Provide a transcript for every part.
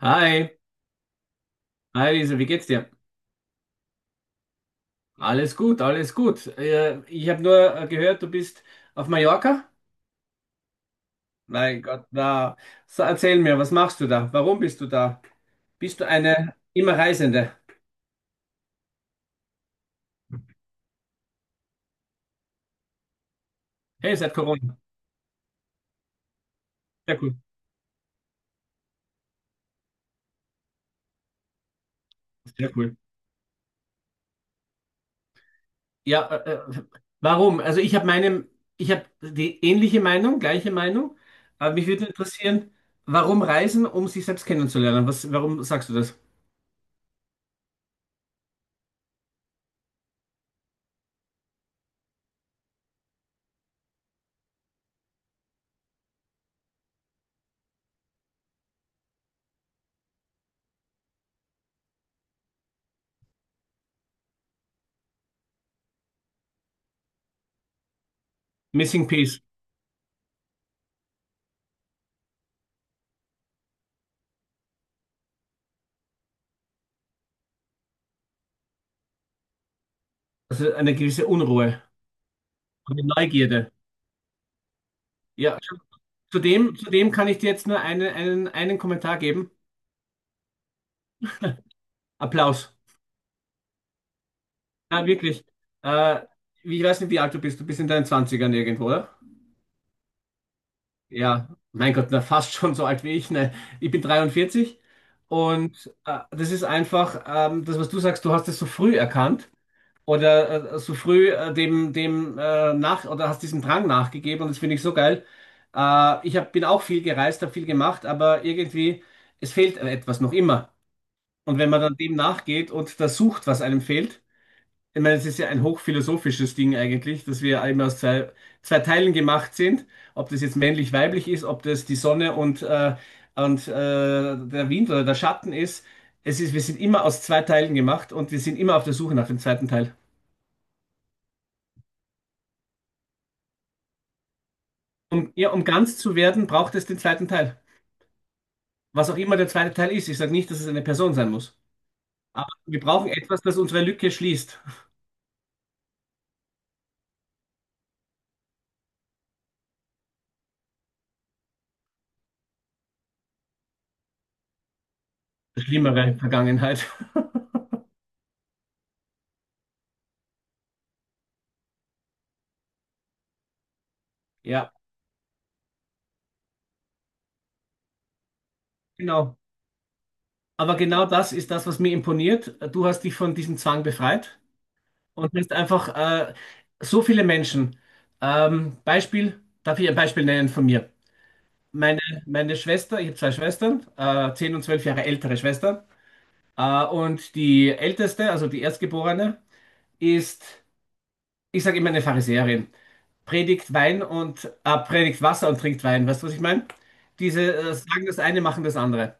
Hi, hi Lisa, wie geht's dir? Alles gut, alles gut. Ich habe nur gehört, du bist auf Mallorca. Mein Gott, na, so, erzähl mir, was machst du da? Warum bist du da? Bist du eine immer Reisende? Hey, seit Corona. Sehr cool, sehr cool. Ja, äh, warum? Also ich habe ich habe die gleiche Meinung, aber mich würde interessieren, warum reisen, um sich selbst kennenzulernen? Warum sagst du das? Missing Peace, also eine gewisse Unruhe, eine Neugierde. Ja, zudem, kann ich dir jetzt nur einen Kommentar geben. Applaus. Ja, wirklich. Äh, Ich weiß nicht, wie alt du bist. Du bist in deinen Zwanzigern irgendwo, oder? Ja, mein Gott, na, fast schon so alt wie ich. Ne? Ich bin 43 und das ist einfach, das, was du sagst, du hast es so früh erkannt oder so früh dem, dem nach, oder hast diesem Drang nachgegeben, und das finde ich so geil. Bin auch viel gereist, habe viel gemacht, aber irgendwie, es fehlt etwas noch immer. Und wenn man dann dem nachgeht und das sucht, was einem fehlt, ich meine, es ist ja ein hochphilosophisches Ding eigentlich, dass wir eben aus zwei Teilen gemacht sind, ob das jetzt männlich-weiblich ist, ob das die Sonne und der Wind oder der Schatten ist. Es ist, wir sind immer aus zwei Teilen gemacht und wir sind immer auf der Suche nach dem zweiten Teil. Ja, um ganz zu werden, braucht es den zweiten Teil. Was auch immer der zweite Teil ist. Ich sage nicht, dass es eine Person sein muss. Aber wir brauchen etwas, das unsere Lücke schließt. Schlimmere Vergangenheit. Ja, genau. Aber genau das ist das, was mir imponiert. Du hast dich von diesem Zwang befreit und bist einfach so viele Menschen. Beispiel, darf ich ein Beispiel nennen von mir? Meine, Meine Schwester, ich habe zwei Schwestern, 10 und 12 Jahre ältere Schwester. Und die älteste, also die Erstgeborene, ist, ich sage immer eine Pharisäerin. Predigt Wein und predigt Wasser und trinkt Wein. Weißt du, was ich meine? Diese sagen das eine, machen das andere.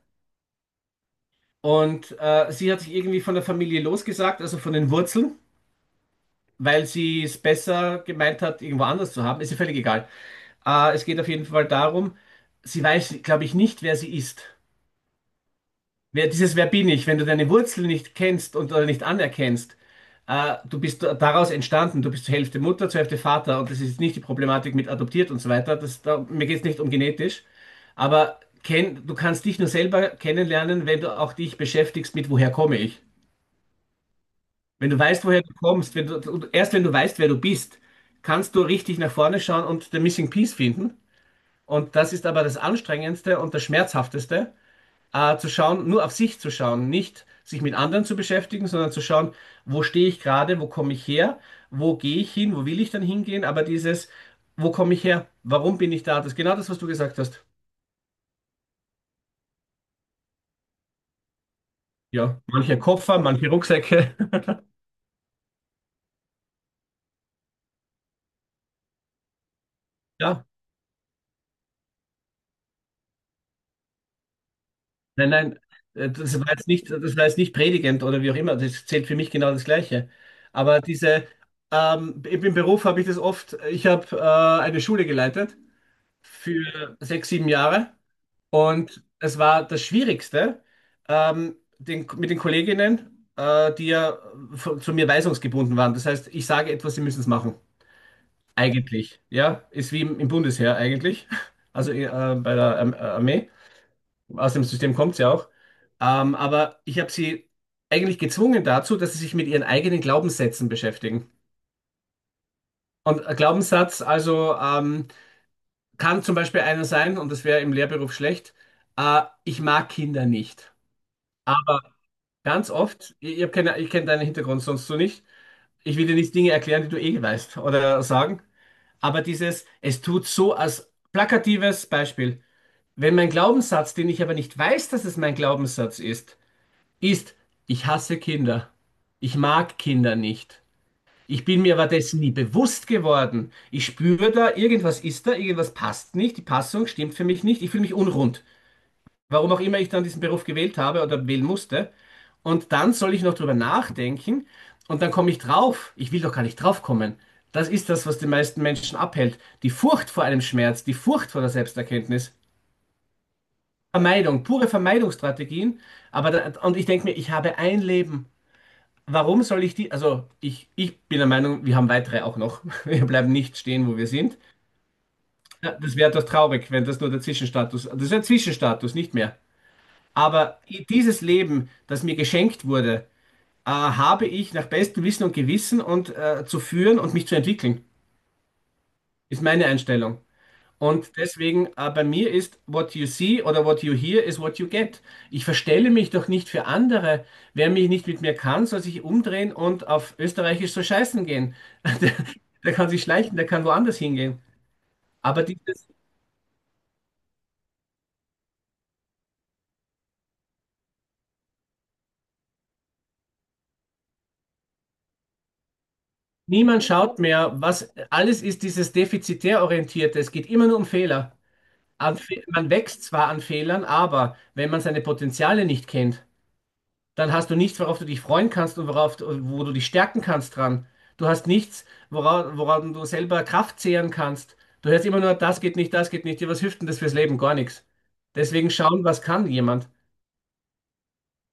Und sie hat sich irgendwie von der Familie losgesagt, also von den Wurzeln, weil sie es besser gemeint hat, irgendwo anders zu haben. Ist ihr völlig egal. Es geht auf jeden Fall darum, sie weiß, glaube ich, nicht, wer sie ist. Wer, dieses Wer bin ich, wenn du deine Wurzel nicht kennst und oder nicht anerkennst, du bist daraus entstanden, du bist zur Hälfte Mutter, zur Hälfte Vater, und das ist nicht die Problematik mit adoptiert und so weiter. Mir geht es nicht um genetisch, aber du kannst dich nur selber kennenlernen, wenn du auch dich beschäftigst mit, woher komme ich. Wenn du weißt, woher du kommst, wenn du, und erst wenn du weißt, wer du bist, kannst du richtig nach vorne schauen und den Missing Piece finden. Und das ist aber das Anstrengendste und das Schmerzhafteste, zu schauen, nur auf sich zu schauen, nicht sich mit anderen zu beschäftigen, sondern zu schauen, wo stehe ich gerade, wo komme ich her, wo gehe ich hin, wo will ich dann hingehen, aber dieses, wo komme ich her, warum bin ich da, das ist genau das, was du gesagt hast. Ja, manche Koffer, manche Rucksäcke. Ja. Nein, nein, das war jetzt nicht, das war jetzt nicht predigend oder wie auch immer, das zählt für mich genau das Gleiche. Aber diese, im Beruf habe ich das oft, ich habe eine Schule geleitet für 6, 7 Jahre, und es war das Schwierigste, mit den Kolleginnen, die ja zu mir weisungsgebunden waren. Das heißt, ich sage etwas, sie müssen es machen. Eigentlich, ja, ist wie im Bundesheer eigentlich, also bei der Armee. Aus dem System kommt sie auch. Aber ich habe sie eigentlich gezwungen dazu, dass sie sich mit ihren eigenen Glaubenssätzen beschäftigen. Und ein Glaubenssatz, also kann zum Beispiel einer sein, und das wäre im Lehrberuf schlecht, ich mag Kinder nicht. Aber ganz oft, hab keine, ich kenne deinen Hintergrund sonst so nicht, ich will dir nicht Dinge erklären, die du eh weißt oder sagen, aber dieses, es tut so als plakatives Beispiel. Wenn mein Glaubenssatz, den ich aber nicht weiß, dass es mein Glaubenssatz ist, ist, ich hasse Kinder. Ich mag Kinder nicht. Ich bin mir aber dessen nie bewusst geworden. Ich spüre da, irgendwas ist da, irgendwas passt nicht, die Passung stimmt für mich nicht, ich fühle mich unrund. Warum auch immer ich dann diesen Beruf gewählt habe oder wählen musste. Und dann soll ich noch drüber nachdenken und dann komme ich drauf. Ich will doch gar nicht draufkommen. Das ist das, was die meisten Menschen abhält. Die Furcht vor einem Schmerz, die Furcht vor der Selbsterkenntnis. Vermeidung, pure Vermeidungsstrategien. Aber da, und ich denke mir, ich habe ein Leben. Warum soll ich die? Also, ich bin der Meinung, wir haben weitere auch noch. Wir bleiben nicht stehen, wo wir sind. Ja, das wäre doch traurig, wenn das nur der Zwischenstatus, das ist ein Zwischenstatus, nicht mehr. Aber dieses Leben, das mir geschenkt wurde, habe ich nach bestem Wissen und Gewissen und zu führen und mich zu entwickeln, ist meine Einstellung. Und deswegen, bei mir ist, what you see oder what you hear is what you get. Ich verstelle mich doch nicht für andere. Wer mich nicht mit mir kann, soll sich umdrehen und auf Österreichisch so scheißen gehen. Der, Der kann sich schleichen, der kann woanders hingehen. Aber dieses, niemand schaut mehr, was alles ist, dieses defizitär orientierte. Es geht immer nur um Fehler. Man wächst zwar an Fehlern, aber wenn man seine Potenziale nicht kennt, dann hast du nichts, worauf du dich freuen kannst und wo du dich stärken kannst dran. Du hast nichts, woran du selber Kraft zehren kannst. Du hörst immer nur, das geht nicht, das geht nicht. Ja, was hilft denn das fürs Leben? Gar nichts. Deswegen schauen, was kann jemand.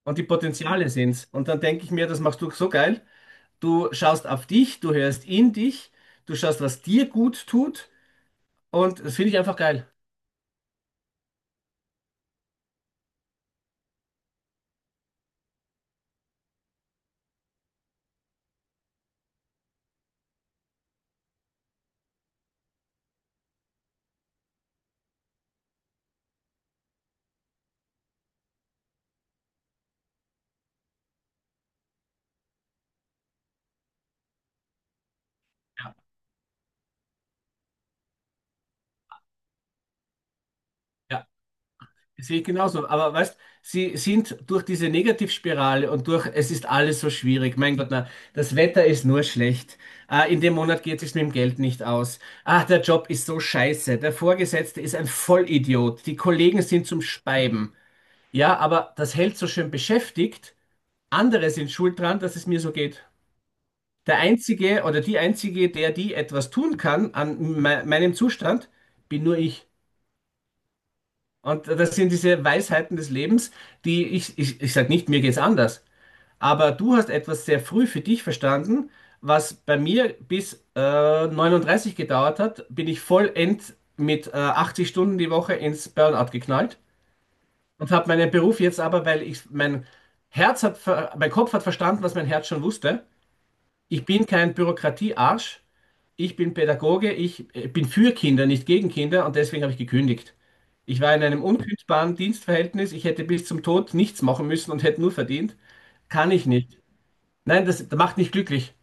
Und die Potenziale sind's. Und dann denke ich mir, das machst du so geil. Du schaust auf dich, du hörst in dich, du schaust, was dir gut tut. Und das finde ich einfach geil. Ja. Sehe ich genauso. Aber weißt, sie sind durch diese Negativspirale und durch, es ist alles so schwierig. Mein Gott, na, das Wetter ist nur schlecht. Ah, in dem Monat geht es sich mit dem Geld nicht aus. Ah, der Job ist so scheiße. Der Vorgesetzte ist ein Vollidiot. Die Kollegen sind zum Speiben. Ja, aber das hält so schön beschäftigt. Andere sind schuld dran, dass es mir so geht. Der Einzige oder die Einzige, der die etwas tun kann an me meinem Zustand, bin nur ich. Und das sind diese Weisheiten des Lebens, die ich sage nicht, mir geht's anders, aber du hast etwas sehr früh für dich verstanden, was bei mir bis 39 gedauert hat, bin ich vollend mit 80 Stunden die Woche ins Burnout geknallt und habe meinen Beruf jetzt aber, weil ich mein mein Kopf hat verstanden, was mein Herz schon wusste. Ich bin kein Bürokratiearsch, ich bin Pädagoge, ich bin für Kinder, nicht gegen Kinder und deswegen habe ich gekündigt. Ich war in einem unkündbaren Dienstverhältnis, ich hätte bis zum Tod nichts machen müssen und hätte nur verdient. Kann ich nicht. Nein, das macht nicht glücklich.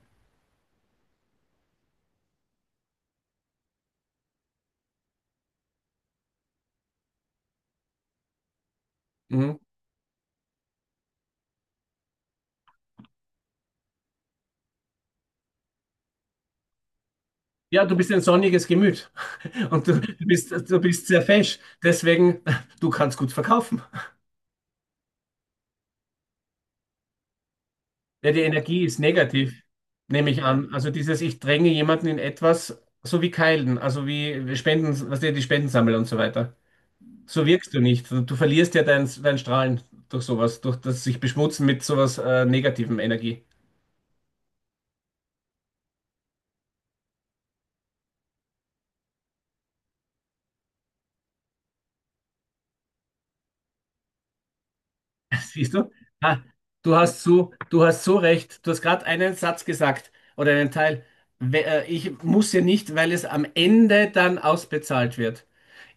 Mhm. Ja, du bist ein sonniges Gemüt und du bist sehr fesch. Deswegen, du kannst gut verkaufen. Ja, die Energie ist negativ, nehme ich an. Also dieses, ich dränge jemanden in etwas, so wie Keilen, also wie Spenden, was die Spenden sammeln und so weiter. So wirkst du nicht. Du verlierst ja dein Strahlen durch sowas, durch das sich beschmutzen mit sowas negativem Energie. Siehst du? Ah, du hast so recht. Du hast gerade einen Satz gesagt oder einen Teil. Ich muss ja nicht, weil es am Ende dann ausbezahlt wird.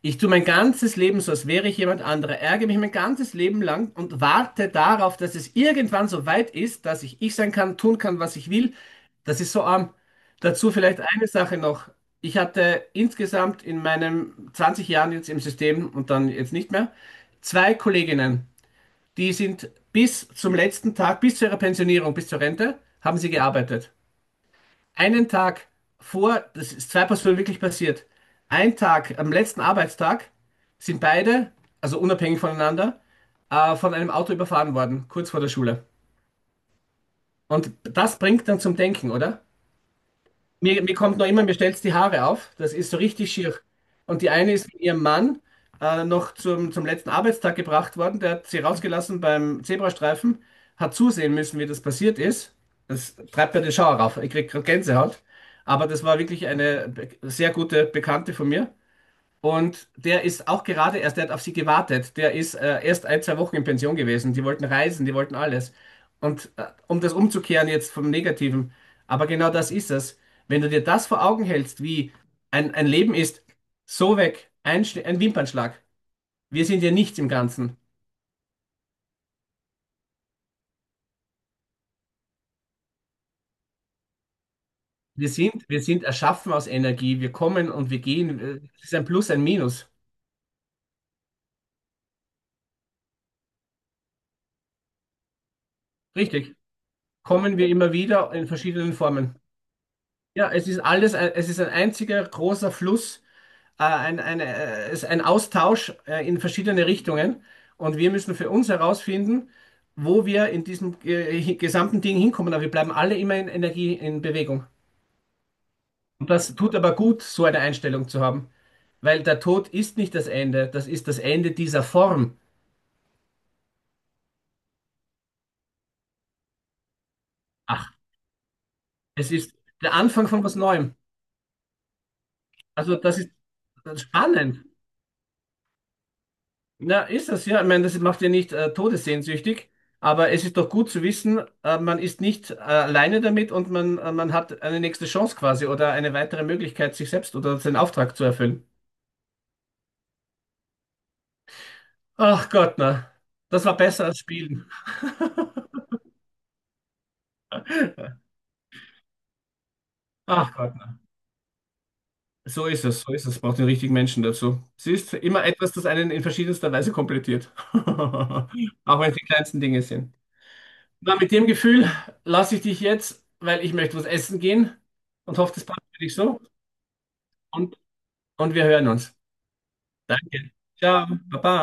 Ich tue mein ganzes Leben so, als wäre ich jemand anderer, ärgere mich mein ganzes Leben lang und warte darauf, dass es irgendwann so weit ist, dass ich ich sein kann, tun kann, was ich will. Das ist so arm. Dazu vielleicht eine Sache noch. Ich hatte insgesamt in meinen 20 Jahren jetzt im System und dann jetzt nicht mehr, zwei Kolleginnen, die sind bis zum letzten Tag, bis zu ihrer Pensionierung, bis zur Rente, haben sie gearbeitet einen Tag vor, das ist zwei Personen wirklich passiert, einen Tag, am letzten Arbeitstag, sind beide, also unabhängig voneinander, von einem Auto überfahren worden, kurz vor der Schule. Und das bringt dann zum Denken, oder? Mir kommt noch immer, mir stellt die Haare auf. Das ist so richtig schier. Und die eine ist mit ihrem Mann noch zum letzten Arbeitstag gebracht worden. Der hat sie rausgelassen beim Zebrastreifen, hat zusehen müssen, wie das passiert ist. Das treibt mir den Schauer rauf. Ich krieg gerade Gänsehaut. Aber das war wirklich eine sehr gute Bekannte von mir. Und der ist auch gerade erst, der hat auf sie gewartet. Der ist erst ein, zwei Wochen in Pension gewesen. Die wollten reisen, die wollten alles. Und um das umzukehren jetzt vom Negativen, aber genau das ist es. Wenn du dir das vor Augen hältst, wie ein Leben ist, so weg, ein Wimpernschlag. Wir sind ja nichts im Ganzen. Wir sind erschaffen aus Energie. Wir kommen und wir gehen. Es ist ein Plus, ein Minus. Richtig. Kommen wir immer wieder in verschiedenen Formen. Ja, es ist es ist ein einziger großer Fluss, ein Austausch in verschiedene Richtungen. Und wir müssen für uns herausfinden, wo wir in diesem gesamten Ding hinkommen. Aber wir bleiben alle immer in Energie, in Bewegung. Und das tut aber gut, so eine Einstellung zu haben. Weil der Tod ist nicht das Ende, das ist das Ende dieser Form. Ach, es ist der Anfang von was Neuem. Also das ist spannend. Na, ist das, ja. Ich meine, das macht ja nicht todessehnsüchtig, aber es ist doch gut zu wissen, man ist nicht alleine damit und man hat eine nächste Chance quasi oder eine weitere Möglichkeit, sich selbst oder seinen Auftrag zu erfüllen. Ach Gott, na. Das war besser als Spielen. Ach Gott, na. So ist es, so ist es. Braucht den richtigen Menschen dazu. Siehst, immer etwas, das einen in verschiedenster Weise komplettiert. Auch wenn es die kleinsten Dinge sind. Na, mit dem Gefühl lasse ich dich jetzt, weil ich möchte was essen gehen und hoffe, das passt für dich so. Und und wir hören uns. Danke. Ciao. Baba.